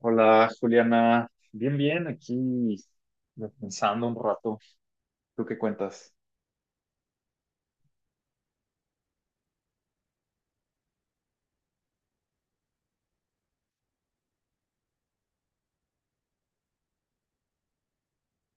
Hola, Juliana. Bien, bien, aquí pensando un rato. ¿Tú qué cuentas?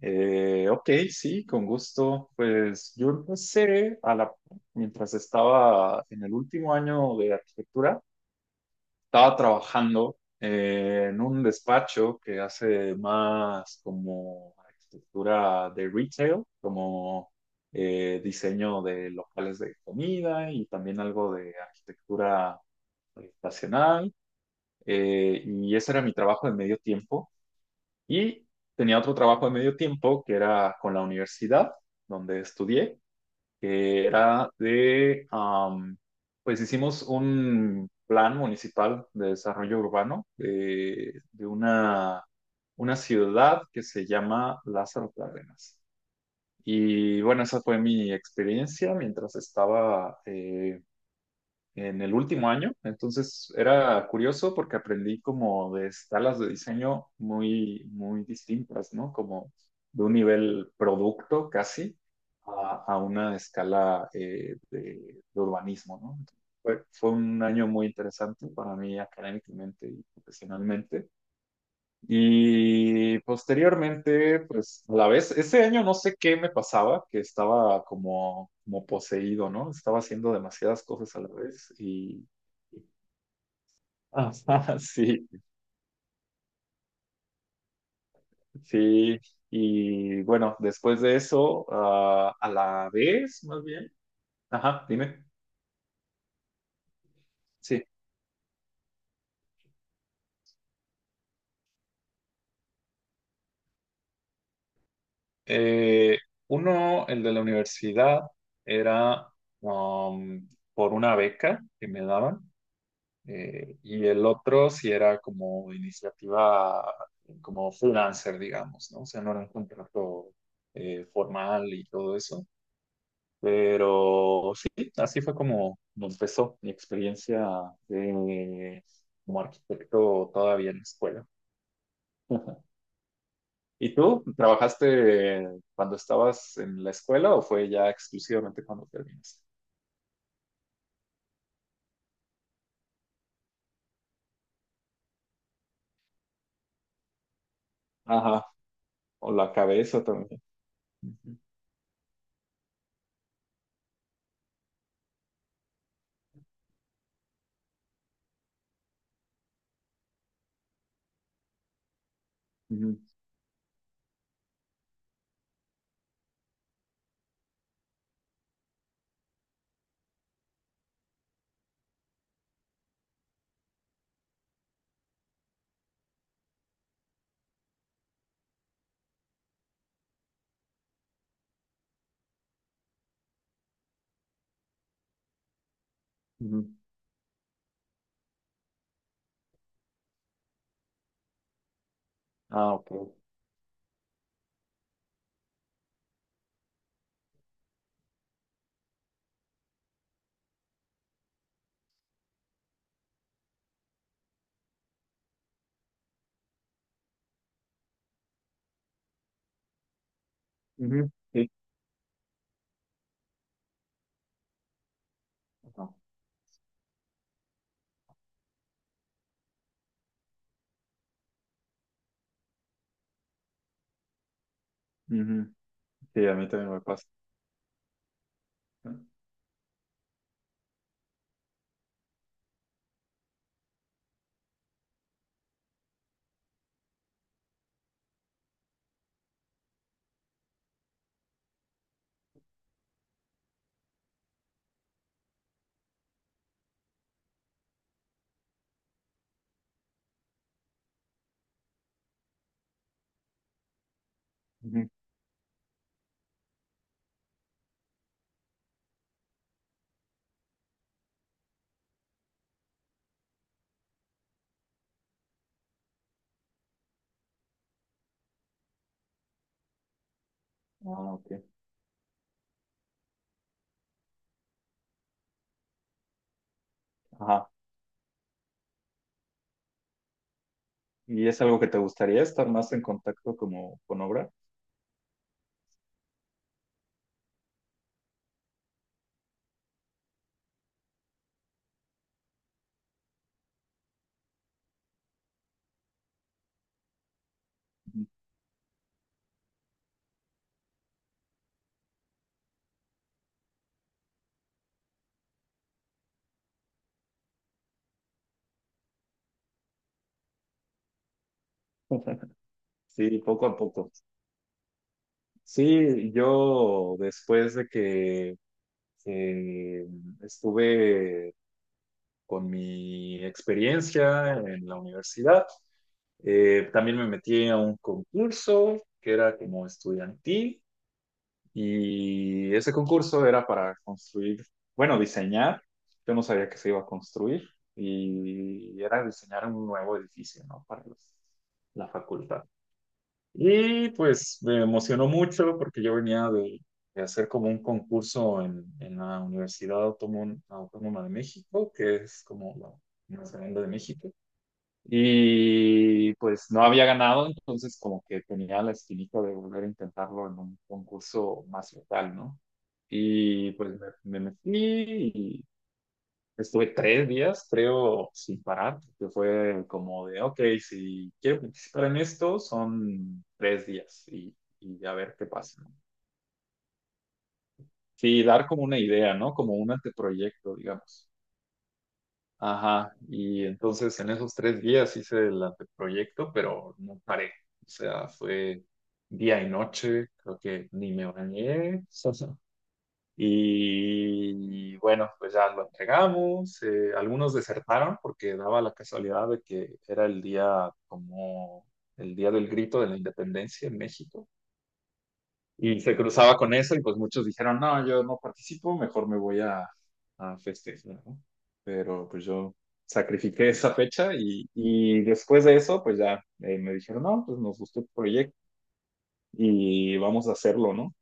Ok, sí, con gusto. Pues yo empecé a la, mientras estaba en el último año de arquitectura, estaba trabajando en un despacho que hace más como arquitectura de retail, como diseño de locales de comida y también algo de arquitectura habitacional, y ese era mi trabajo de medio tiempo. Y tenía otro trabajo de medio tiempo que era con la universidad donde estudié, que era de, pues hicimos un plan municipal de desarrollo urbano de una ciudad que se llama Lázaro Cárdenas. Y bueno, esa fue mi experiencia mientras estaba en el último año. Entonces era curioso porque aprendí como de escalas de diseño muy, muy distintas, ¿no? Como de un nivel producto casi a una escala de de urbanismo, ¿no? Fue un año muy interesante para mí académicamente y profesionalmente. Y posteriormente, pues a la vez, ese año no sé qué me pasaba, que estaba como, como poseído, ¿no? Estaba haciendo demasiadas cosas a la vez y... Ajá, sí, sí. Y bueno, después de eso, ah, a la vez, más bien. Ajá, dime. Sí. Eh, uno, el de la universidad, era um, por una beca que me daban. Y el otro sí era como iniciativa, como freelancer, digamos, ¿no? O sea, no era un contrato formal y todo eso. Pero sí, así fue como empezó mi experiencia de, como arquitecto todavía en la escuela. ¿Y tú? ¿Trabajaste cuando estabas en la escuela o fue ya exclusivamente cuando terminaste? Ajá, o la cabeza también. Ujú, ujú, ujú. Ah, ok. Ujú, sí. ¿No? Ujú. Sí, a mí también me pasa. Ujú. Ah, ok. Ajá. ¿Y es algo que te gustaría estar más en contacto como con obra? Ujú. Sí, poco a poco. Sí, yo después de que eh, estuve con mi experiencia en la universidad, también me metí a un concurso que era como estudiantil. Y ese concurso era para construir, bueno, diseñar. Yo no sabía que se iba a construir y era diseñar un nuevo edificio, ¿no? Para la facultad. Y pues me emocionó mucho porque yo venía de hacer como un concurso en la Universidad Autónoma, Autónoma de México, que es como la Universidad de México. Y pues no había ganado, entonces como que tenía la espinita de volver a intentarlo en un concurso más local, ¿no? Y pues me metí y estuve 3 días, creo, sin parar, que fue como de, ok, si quiero participar en esto, son 3 días y a ver qué pasa, ¿no? Sí, dar como una idea, ¿no? Como un anteproyecto, digamos. Ajá, y entonces en esos 3 días hice el anteproyecto, pero no paré. O sea, fue día y noche, creo que ni me bañé. Y bueno, pues ya lo entregamos. Algunos desertaron porque daba la casualidad de que era el día como el día del grito de la independencia en México. Y se cruzaba con eso y pues muchos dijeron, no, yo no participo, mejor me voy a festejar, ¿no? Pero pues yo sacrifiqué esa fecha y después de eso, pues ya, me dijeron, no, pues nos gustó el proyecto y vamos a hacerlo, ¿no?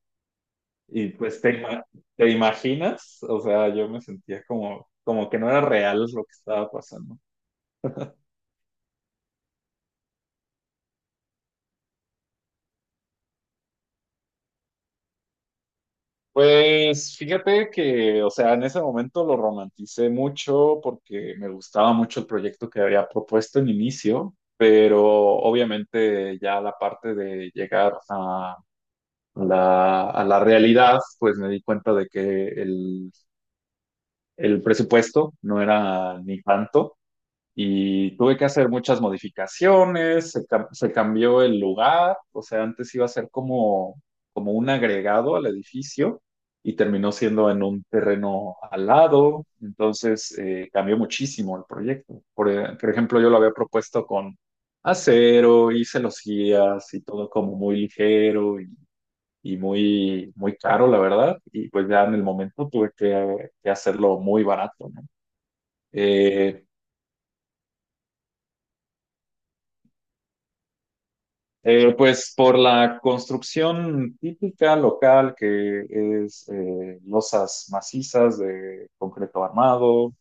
Y pues te imaginas, o sea, yo me sentía como, como que no era real lo que estaba pasando. Pues fíjate que, o sea, en ese momento lo romanticé mucho porque me gustaba mucho el proyecto que había propuesto en inicio, pero obviamente ya la parte de llegar a la realidad, pues me di cuenta de que el presupuesto no era ni tanto y tuve que hacer muchas modificaciones, se cambió el lugar, o sea, antes iba a ser como, como un agregado al edificio y terminó siendo en un terreno al lado, entonces cambió muchísimo el proyecto. Por ejemplo, yo lo había propuesto con acero, hice los guías y todo como muy ligero y muy, muy caro, la verdad, y pues ya en el momento tuve que hacerlo muy barato, ¿no? Eh, pues por la construcción típica local que es losas macizas de concreto armado,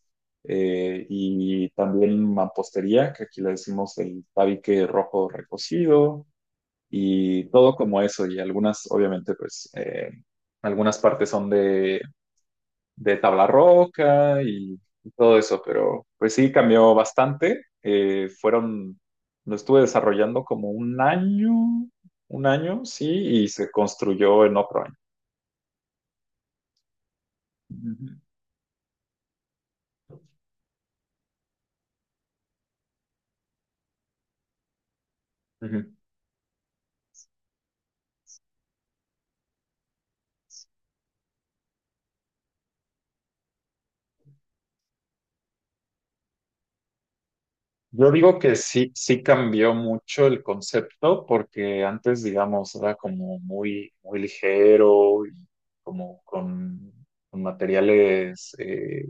y también mampostería, que aquí le decimos el tabique rojo recocido y todo como eso y algunas obviamente pues, algunas partes son de tabla roca y todo eso, pero pues sí cambió bastante. Lo estuve desarrollando como un año, sí, y se construyó en otro año. Ujú, ujú. Yo digo que sí, sí cambió mucho el concepto porque antes, digamos, era como muy, muy ligero y como con materiales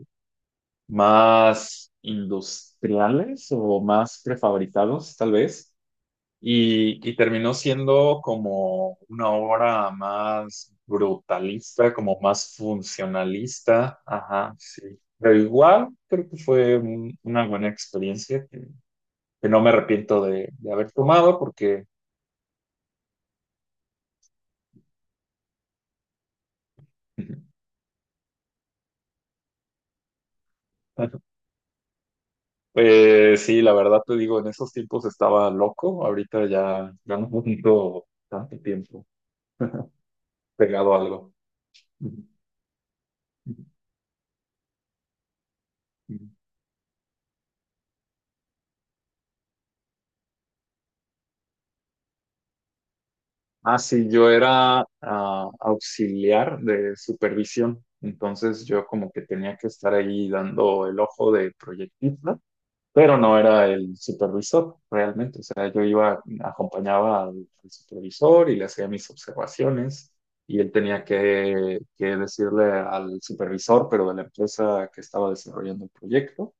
más industriales o más prefabricados, tal vez. Y terminó siendo como una obra más brutalista, como más funcionalista. Ajá, sí. Pero igual creo que fue una buena experiencia que no me arrepiento de haber tomado porque, pues sí, la verdad te digo, en esos tiempos estaba loco. Ahorita ya, ya no tengo tanto tiempo pegado a algo. Ah, sí, yo era ah, auxiliar de supervisión, entonces yo como que tenía que estar ahí dando el ojo de proyectista, pero no era el supervisor realmente, o sea, yo iba, acompañaba al supervisor y le hacía mis observaciones y él tenía que decirle al supervisor, pero de la empresa que estaba desarrollando el proyecto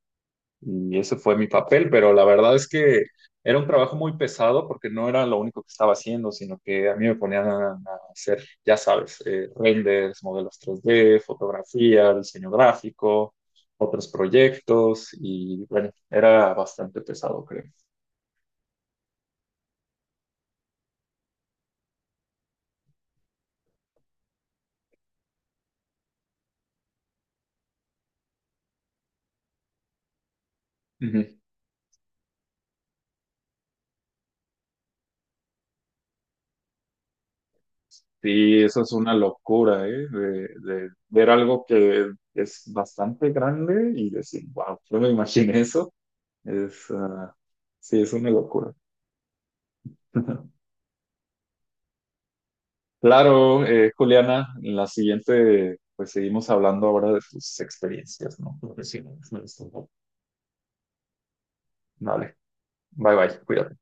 y ese fue mi papel, pero la verdad es que era un trabajo muy pesado porque no era lo único que estaba haciendo, sino que a mí me ponían a hacer, ya sabes, renders, modelos 3D fotografía, diseño gráfico, otros proyectos y bueno, era bastante pesado, creo. Ujú. Sí, eso es una locura, ¿eh? De ver algo que es bastante grande y decir, wow, yo me imaginé eso. Es, ah, sí, es una locura. Claro, Juliana, en la siguiente, pues seguimos hablando ahora de tus experiencias, ¿no? Profesionales. Vale, bye bye, cuídate.